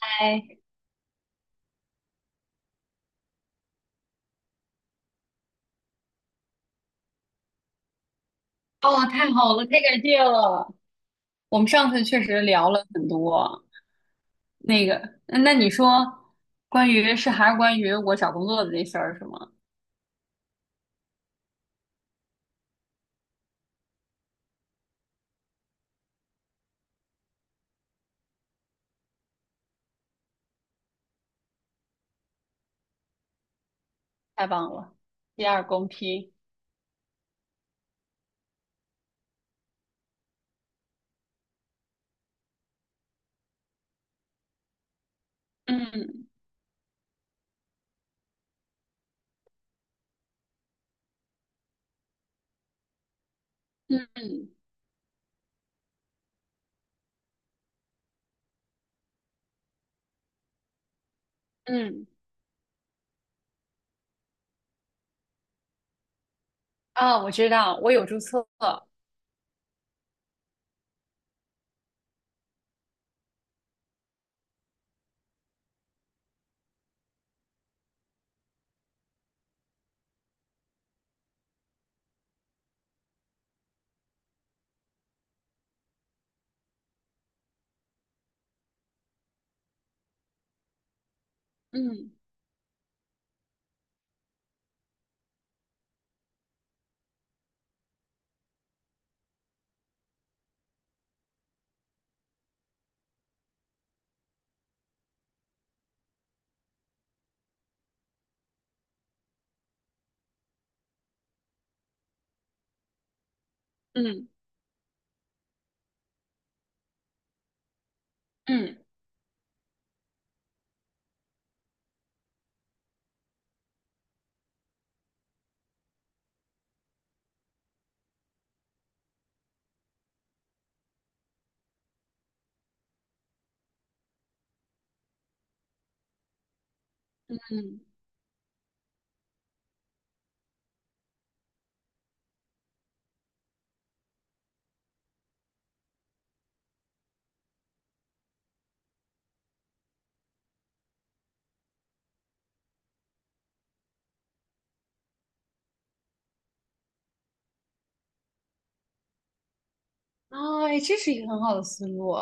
哎，哦，太好了，太感谢了。我们上次确实聊了很多，那你说关于是还是关于我找工作的这事儿是吗？太棒了，第二公批。嗯嗯嗯啊，我知道，我有注册。嗯嗯嗯嗯，啊，哎这是一个很好的思路，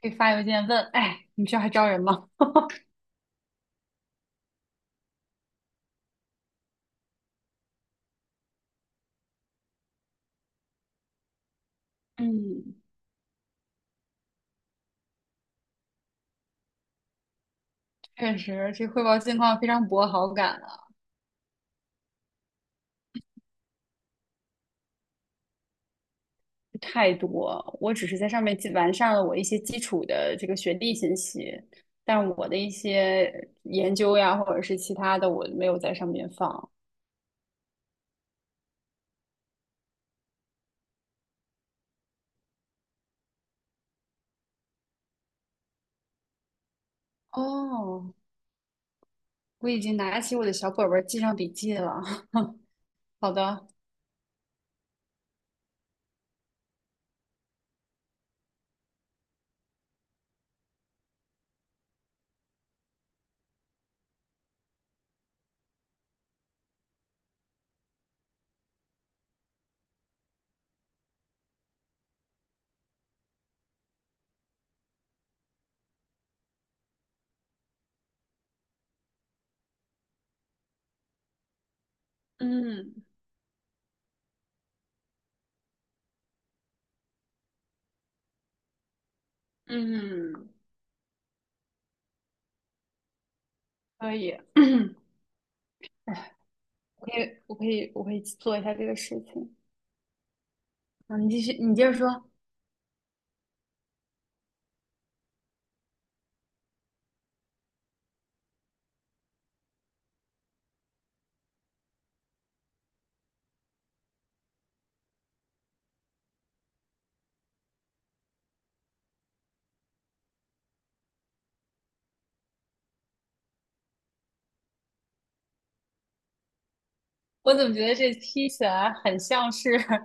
可以发邮件问，哎，你们学校还招人吗？嗯，确实，这汇报近况非常博好感啊。太多，我只是在上面基完善了我一些基础的这个学历信息，但我的一些研究呀，或者是其他的，我没有在上面放。哦，我已经拿起我的小本本儿记上笔记了。好的，嗯嗯，可以，我可以做一下这个事情。嗯，你继续，你接着说。我怎么觉得这听起来很像是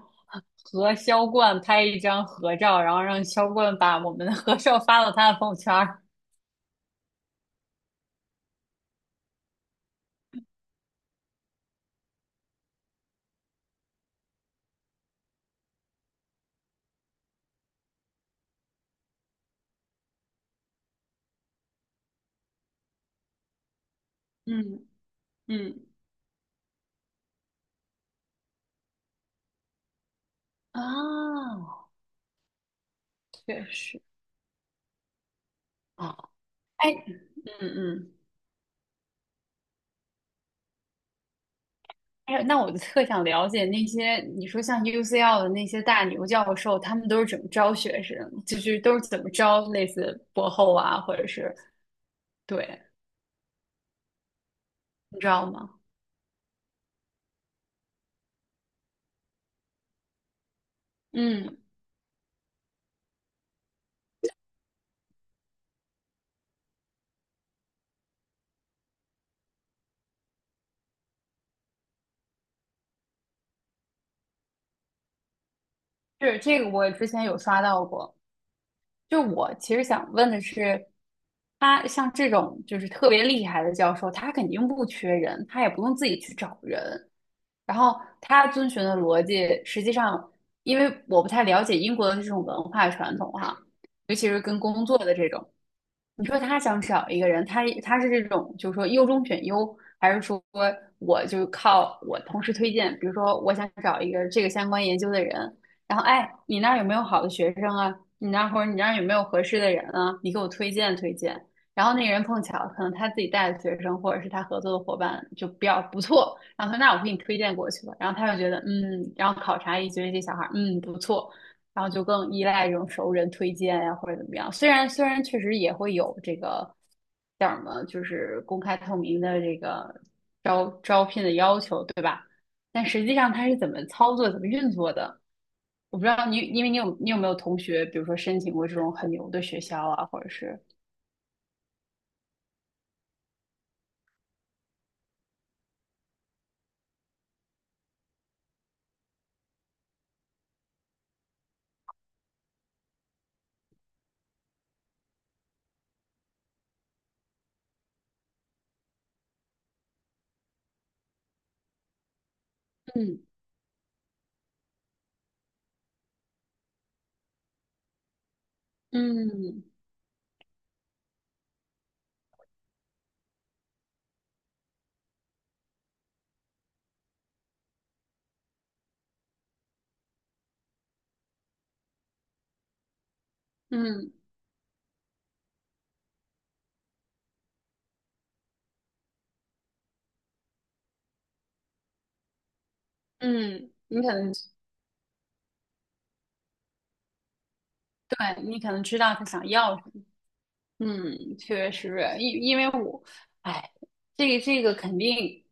和销冠拍一张合照，然后让销冠把我们的合照发到他的朋友圈儿？嗯嗯啊，确实啊，哎，嗯嗯，哎，那我就特想了解那些你说像 UCL 的那些大牛教授，他们都是怎么招学生，就是都是怎么招类似博后啊，或者是对，你知道吗？嗯是这个，我之前有刷到过。就我其实想问的是，他像这种就是特别厉害的教授，他肯定不缺人，他也不用自己去找人。然后他遵循的逻辑，实际上因为我不太了解英国的这种文化传统哈，尤其是跟工作的这种，你说他想找一个人，他是这种，就是说优中选优，还是说我就靠我同事推荐？比如说，我想找一个这个相关研究的人，然后哎，你那儿有没有好的学生啊？你那儿或者你那儿有没有合适的人啊？你给我推荐推荐。然后那个人碰巧可能他自己带的学生或者是他合作的伙伴就比较不错，然后他说那我给你推荐过去吧。然后他就觉得嗯，然后考察一觉得这小孩儿嗯不错，然后就更依赖这种熟人推荐呀、或者怎么样。虽然确实也会有这个叫什么，就是公开透明的这个招聘的要求，对吧？但实际上它是怎么操作、怎么运作的，我不知道你，因为你有有没有同学，比如说申请过这种很牛的学校啊，或者是嗯嗯嗯嗯，你可能对你可能知道他想要什么。嗯，确实，因为我，哎，这个肯定。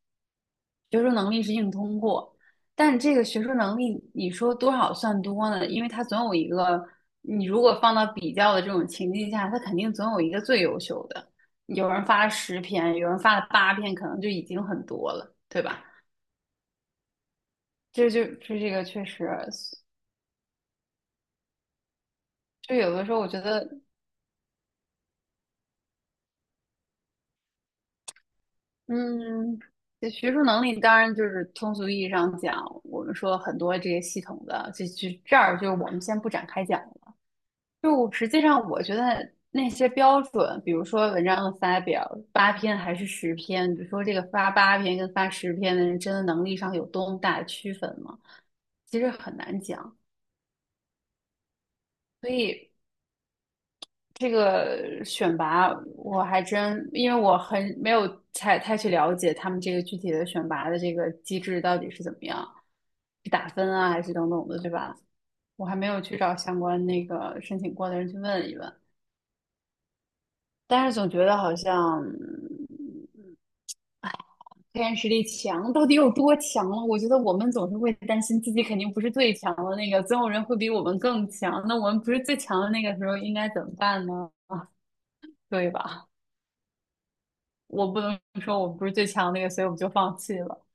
学术能力是硬通过，但是这个学术能力，你说多少算多呢？因为它总有一个，你如果放到比较的这种情境下，它肯定总有一个最优秀的。有人发了十篇，有人发了八篇，可能就已经很多了，对吧？这个确实，就有的时候我觉得，嗯，这学术能力当然就是通俗意义上讲，我们说很多这些系统的，这儿我们先不展开讲了。就我实际上，我觉得那些标准，比如说文章的发表八篇还是十篇，比如说这个发八篇跟发十篇的人，真的能力上有多么大的区分吗？其实很难讲。所以这个选拔，我还真因为我很没有太去了解他们这个具体的选拔的这个机制到底是怎么样，是打分啊，还是等等的，对吧？我还没有去找相关那个申请过的人去问一问。但是总觉得好像嗯黑暗实力强到底有多强了？我觉得我们总是会担心自己肯定不是最强的那个，总有人会比我们更强。那我们不是最强的那个时候应该怎么办呢？啊，对吧？我不能说我们不是最强的那个，所以我们就放弃了。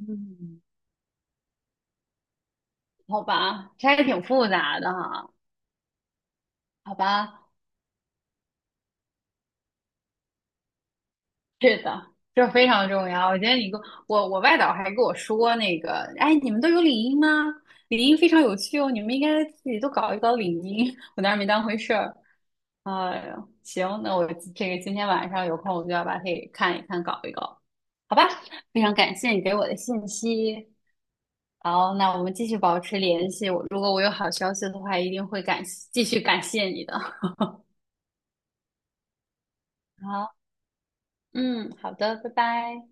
嗯，好吧，这还挺复杂的哈。好吧，是的，这非常重要。我觉得你跟我，我外导还跟我说那个，哎，你们都有领英吗？领英非常有趣哦，你们应该自己都搞一搞领英。我当时没当回事儿。哎呦，行，那我这个今天晚上有空，我就要把它给看一看，搞一搞，好吧？非常感谢你给我的信息。好，那我们继续保持联系。我如果我有好消息的话，一定会感继续感谢你的。好，嗯，好的，拜拜。